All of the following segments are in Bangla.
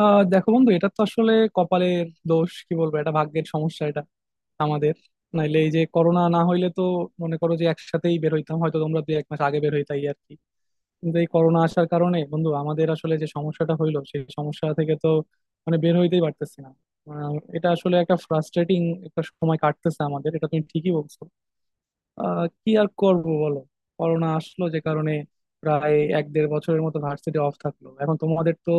দেখো বন্ধু, এটা তো আসলে কপালের দোষ কি বলবো, এটা ভাগ্যের সমস্যা, এটা আমাদের। নাইলে এই যে করোনা না হইলে তো মনে করো যে একসাথেই বের হইতাম, হয়তো তোমরা 2 1 মাস আগে বের হইতাই আর কি। কিন্তু এই করোনা আসার কারণে বন্ধু আমাদের আসলে যে সমস্যাটা হইলো সেই সমস্যা থেকে তো মানে বের হইতেই পারতেছি না। এটা আসলে একটা ফ্রাস্ট্রেটিং একটা সময় কাটতেছে আমাদের, এটা তুমি ঠিকই বলছো। কি আর করব বলো। করোনা আসলো যে কারণে প্রায় 1 দেড় বছরের মতো ভার্সিটি অফ থাকলো। এখন তোমাদের তো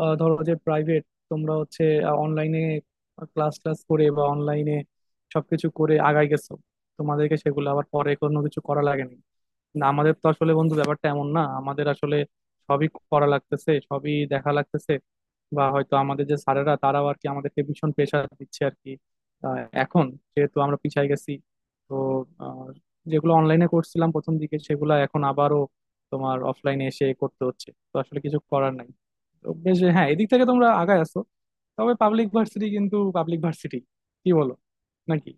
ধরো যে প্রাইভেট, তোমরা হচ্ছে অনলাইনে ক্লাস ক্লাস করে বা অনলাইনে সবকিছু করে আগাই গেছো, তোমাদেরকে সেগুলো আবার পরে কোনো কিছু করা লাগেনি। না, আমাদের তো আসলে বন্ধু ব্যাপারটা এমন না, আমাদের আসলে সবই করা লাগতেছে, সবই দেখা লাগতেছে। বা হয়তো আমাদের যে স্যারেরা তারাও আর কি আমাদেরকে ভীষণ প্রেশার দিচ্ছে আর কি। আহ, এখন যেহেতু আমরা পিছায় গেছি, তো আহ, যেগুলো অনলাইনে করছিলাম প্রথম দিকে সেগুলো এখন আবারও তোমার অফলাইনে এসে করতে হচ্ছে। তো আসলে কিছু করার নাই। তো বেশ, হ্যাঁ, এদিক থেকে তোমরা আগায় আছো। তবে পাবলিক ভার্সিটি কিন্তু পাবলিক ভার্সিটি, কি বলো, নাকি?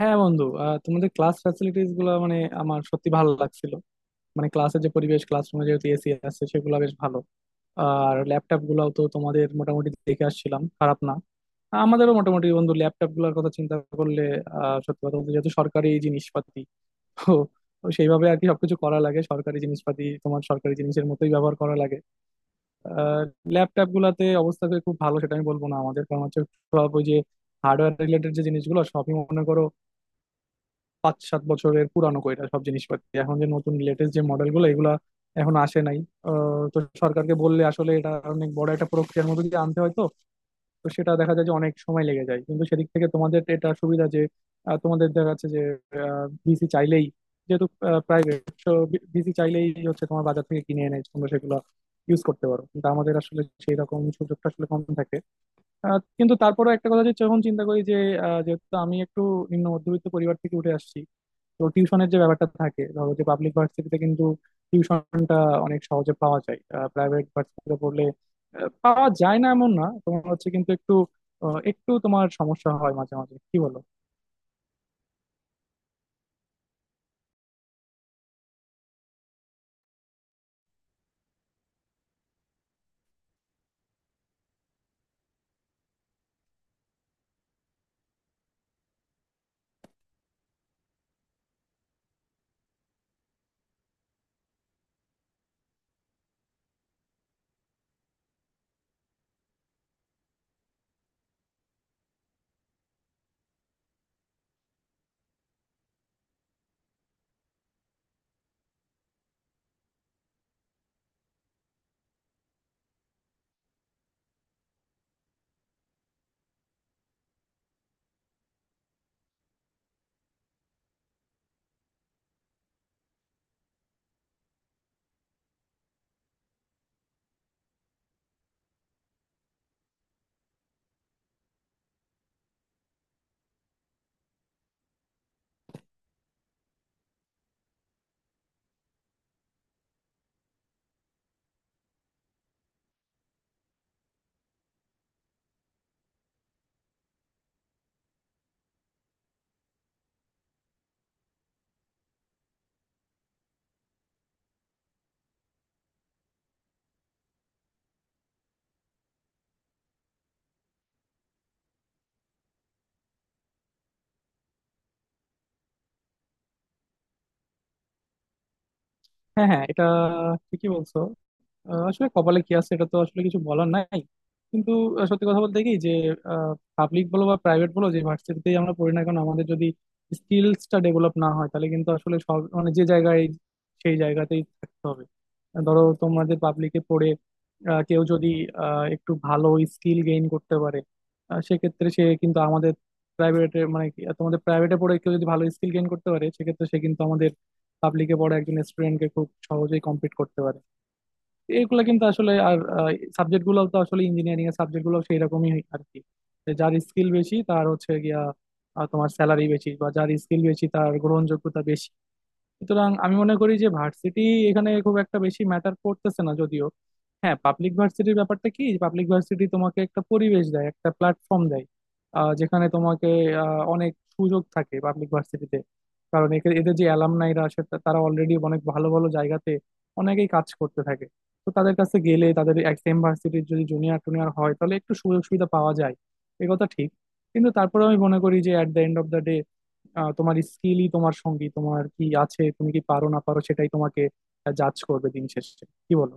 হ্যাঁ বন্ধু, তোমাদের ক্লাস ফ্যাসিলিটিস গুলো মানে আমার সত্যি ভালো লাগছিল। মানে ক্লাসের যে পরিবেশ, ক্লাসরুমে যেহেতু এসি আছে সেগুলো বেশ ভালো। আর ল্যাপটপ গুলাও তো তোমাদের মোটামুটি দেখে আসছিলাম, খারাপ না। আমাদেরও মোটামুটি বন্ধু ল্যাপটপ গুলোর কথা চিন্তা করলে। সত্যি কথা বলতে যেহেতু সরকারি জিনিসপাতি, তো তো সেইভাবে আর কি সবকিছু করা লাগে, সরকারি জিনিসপাতি তোমার সরকারি জিনিসের মতোই ব্যবহার করা লাগে। আহ ল্যাপটপ গুলাতে অবস্থা তো খুব ভালো সেটা আমি বলবো না আমাদের, কারণ হচ্ছে সব ওই যে হার্ডওয়্যার রিলেটেড যে জিনিসগুলো সবই মনে করো 5 7 বছরের পুরানো কইরা সব জিনিসপাতি, এখন যে নতুন লেটেস্ট যে মডেলগুলো এগুলা এখন আসে নাই। তো সরকারকে বললে আসলে এটা অনেক বড় একটা প্রক্রিয়ার মধ্যে দিয়ে আনতে হয়, তো তো সেটা দেখা যায় যে অনেক সময় লেগে যায়। কিন্তু সেদিক থেকে তোমাদের এটা সুবিধা যে তোমাদের দেখা যাচ্ছে যে বিসি চাইলেই, যেহেতু প্রাইভেট, বিসি চাইলেই হচ্ছে তোমার বাজার থেকে কিনে এনে তোমরা সেগুলো ইউজ করতে পারো। কিন্তু আমাদের আসলে সেই রকম সুযোগটা আসলে কম থাকে। কিন্তু তারপরেও একটা কথা যে যখন চিন্তা করি যে যেহেতু আমি একটু নিম্ন মধ্যবিত্ত পরিবার থেকে উঠে আসছি, তো টিউশনের যে ব্যাপারটা থাকে ধরো যে পাবলিক ভার্সিটিতে কিন্তু টিউশনটা অনেক সহজে পাওয়া যায়। প্রাইভেট ভার্সিটিতে পড়লে পাওয়া যায় না এমন না, তোমার হচ্ছে কিন্তু একটু একটু তোমার সমস্যা হয় মাঝে মাঝে, কি বলো? হ্যাঁ হ্যাঁ, এটা ঠিকই বলছো। আসলে কপালে কি আছে এটা তো আসলে কিছু বলার নাই। কিন্তু সত্যি কথা বলতে কি যে পাবলিক বলো বা প্রাইভেট বলো, যে ভার্সিটিতেই আমরা পড়ি না কেন আমাদের যদি স্কিলসটা ডেভেলপ না হয়, তাহলে কিন্তু আসলে সব মানে যে জায়গায় সেই জায়গাতেই থাকতে হবে। ধরো তোমাদের পাবলিকে পড়ে কেউ যদি একটু ভালো স্কিল গেইন করতে পারে, আহ, সেক্ষেত্রে সে কিন্তু আমাদের প্রাইভেটে মানে কি, আহ, তোমাদের প্রাইভেটে পড়ে কেউ যদি ভালো স্কিল গেইন করতে পারে সেক্ষেত্রে সে কিন্তু আমাদের পাবলিকে পড়ে একজন স্টুডেন্টকে খুব সহজেই কম্পিট করতে পারে। এগুলা কিন্তু আসলে আর সাবজেক্ট গুলো তো আসলে ইঞ্জিনিয়ারিং এর সাবজেক্ট গুলো সেই রকমই আর কি। যে যার স্কিল বেশি তার হচ্ছে গিয়া তোমার স্যালারি বেশি, বা যার স্কিল বেশি তার গ্রহণযোগ্যতা বেশি। সুতরাং আমি মনে করি যে ভার্সিটি এখানে খুব একটা বেশি ম্যাটার করতেছে না, যদিও হ্যাঁ পাবলিক ভার্সিটির ব্যাপারটা কি, পাবলিক ভার্সিটি তোমাকে একটা পরিবেশ দেয়, একটা প্ল্যাটফর্ম দেয়, যেখানে তোমাকে অনেক সুযোগ থাকে পাবলিক ভার্সিটিতে, কারণ এদের যে অ্যালামনাইরা আছে তারা অলরেডি অনেক ভালো ভালো জায়গাতে অনেকেই কাজ করতে থাকে। তো তাদের কাছে গেলে, তাদের এক সেম ভার্সিটির যদি জুনিয়র টুনিয়র হয় তাহলে একটু সুযোগ সুবিধা পাওয়া যায়, এ কথা ঠিক। কিন্তু তারপরে আমি মনে করি যে at the end of the day তোমার স্কিলই তোমার সঙ্গী। তোমার কি আছে, তুমি কি পারো না পারো, সেটাই তোমাকে জাজ করবে দিন শেষে, কি বলো?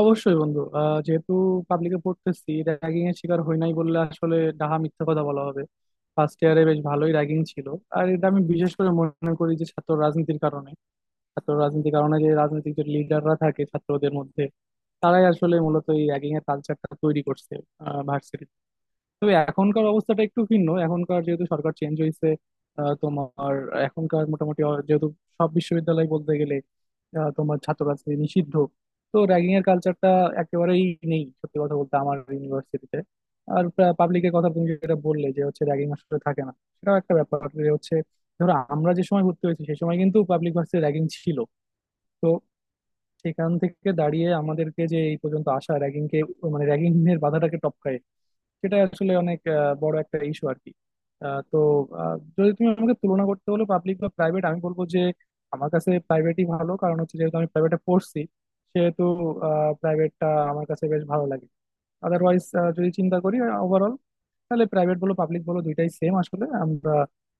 অবশ্যই বন্ধু, যেহেতু পাবলিকে পড়তেছি র্যাগিং এর শিকার হই নাই বললে আসলে ডাহা মিথ্যা কথা বলা হবে। ফার্স্ট ইয়ারে বেশ ভালোই র্যাগিং ছিল। আর এটা আমি বিশেষ করে মনে করি যে ছাত্র রাজনীতির কারণে, ছাত্র রাজনীতির কারণে যে রাজনৈতিক যে লিডাররা থাকে ছাত্রদের মধ্যে তারাই আসলে মূলত এই র্যাগিং এর কালচারটা তৈরি করছে ভার্সিটি। তবে এখনকার অবস্থাটা একটু ভিন্ন, এখনকার যেহেতু সরকার চেঞ্জ হয়েছে, আহ, তোমার এখনকার মোটামুটি যেহেতু সব বিশ্ববিদ্যালয় বলতে গেলে আহ, তোমার ছাত্র রাজনীতি নিষিদ্ধ, তো র্যাগিং এর কালচারটা একেবারেই নেই, সত্যি কথা বলতে, আমার ইউনিভার্সিটিতে। আর পাবলিকের কথা তুমি যেটা বললে যে হচ্ছে র্যাগিং আসলে থাকে না, সেটাও একটা ব্যাপার যে হচ্ছে ধরো আমরা যে সময় ভর্তি হয়েছি সেই সময় কিন্তু পাবলিক ভার্সিটি র্যাগিং ছিল। তো সেখান থেকে দাঁড়িয়ে আমাদেরকে যে এই পর্যন্ত আসা, র্যাগিং কে মানে র্যাগিং এর বাধাটাকে টপকায়, সেটা আসলে অনেক বড় একটা ইস্যু আর কি। আহ, তো যদি তুমি আমাকে তুলনা করতে বলো পাবলিক বা প্রাইভেট, আমি বলবো যে আমার কাছে প্রাইভেটই ভালো, কারণ হচ্ছে যেহেতু আমি প্রাইভেটে পড়ছি সেহেতু প্রাইভেটটা আমার কাছে বেশ ভালো লাগে। আদারওয়াইজ যদি চিন্তা করি ওভারঅল, তাহলে প্রাইভেট বলো পাবলিক বলো দুইটাই সেম। আসলে আমরা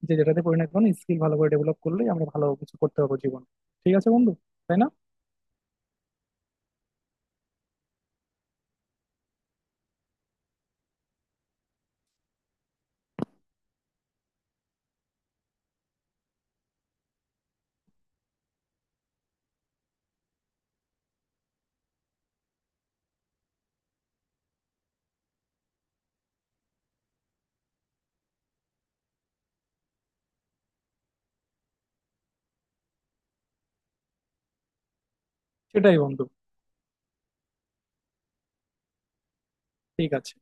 যে যেটাতে পড়ি না কেন স্কিল ভালো করে ডেভেলপ করলেই আমরা ভালো কিছু করতে পারবো জীবন। ঠিক আছে বন্ধু, তাই না? সেটাই বন্ধু। ঠিক আছে।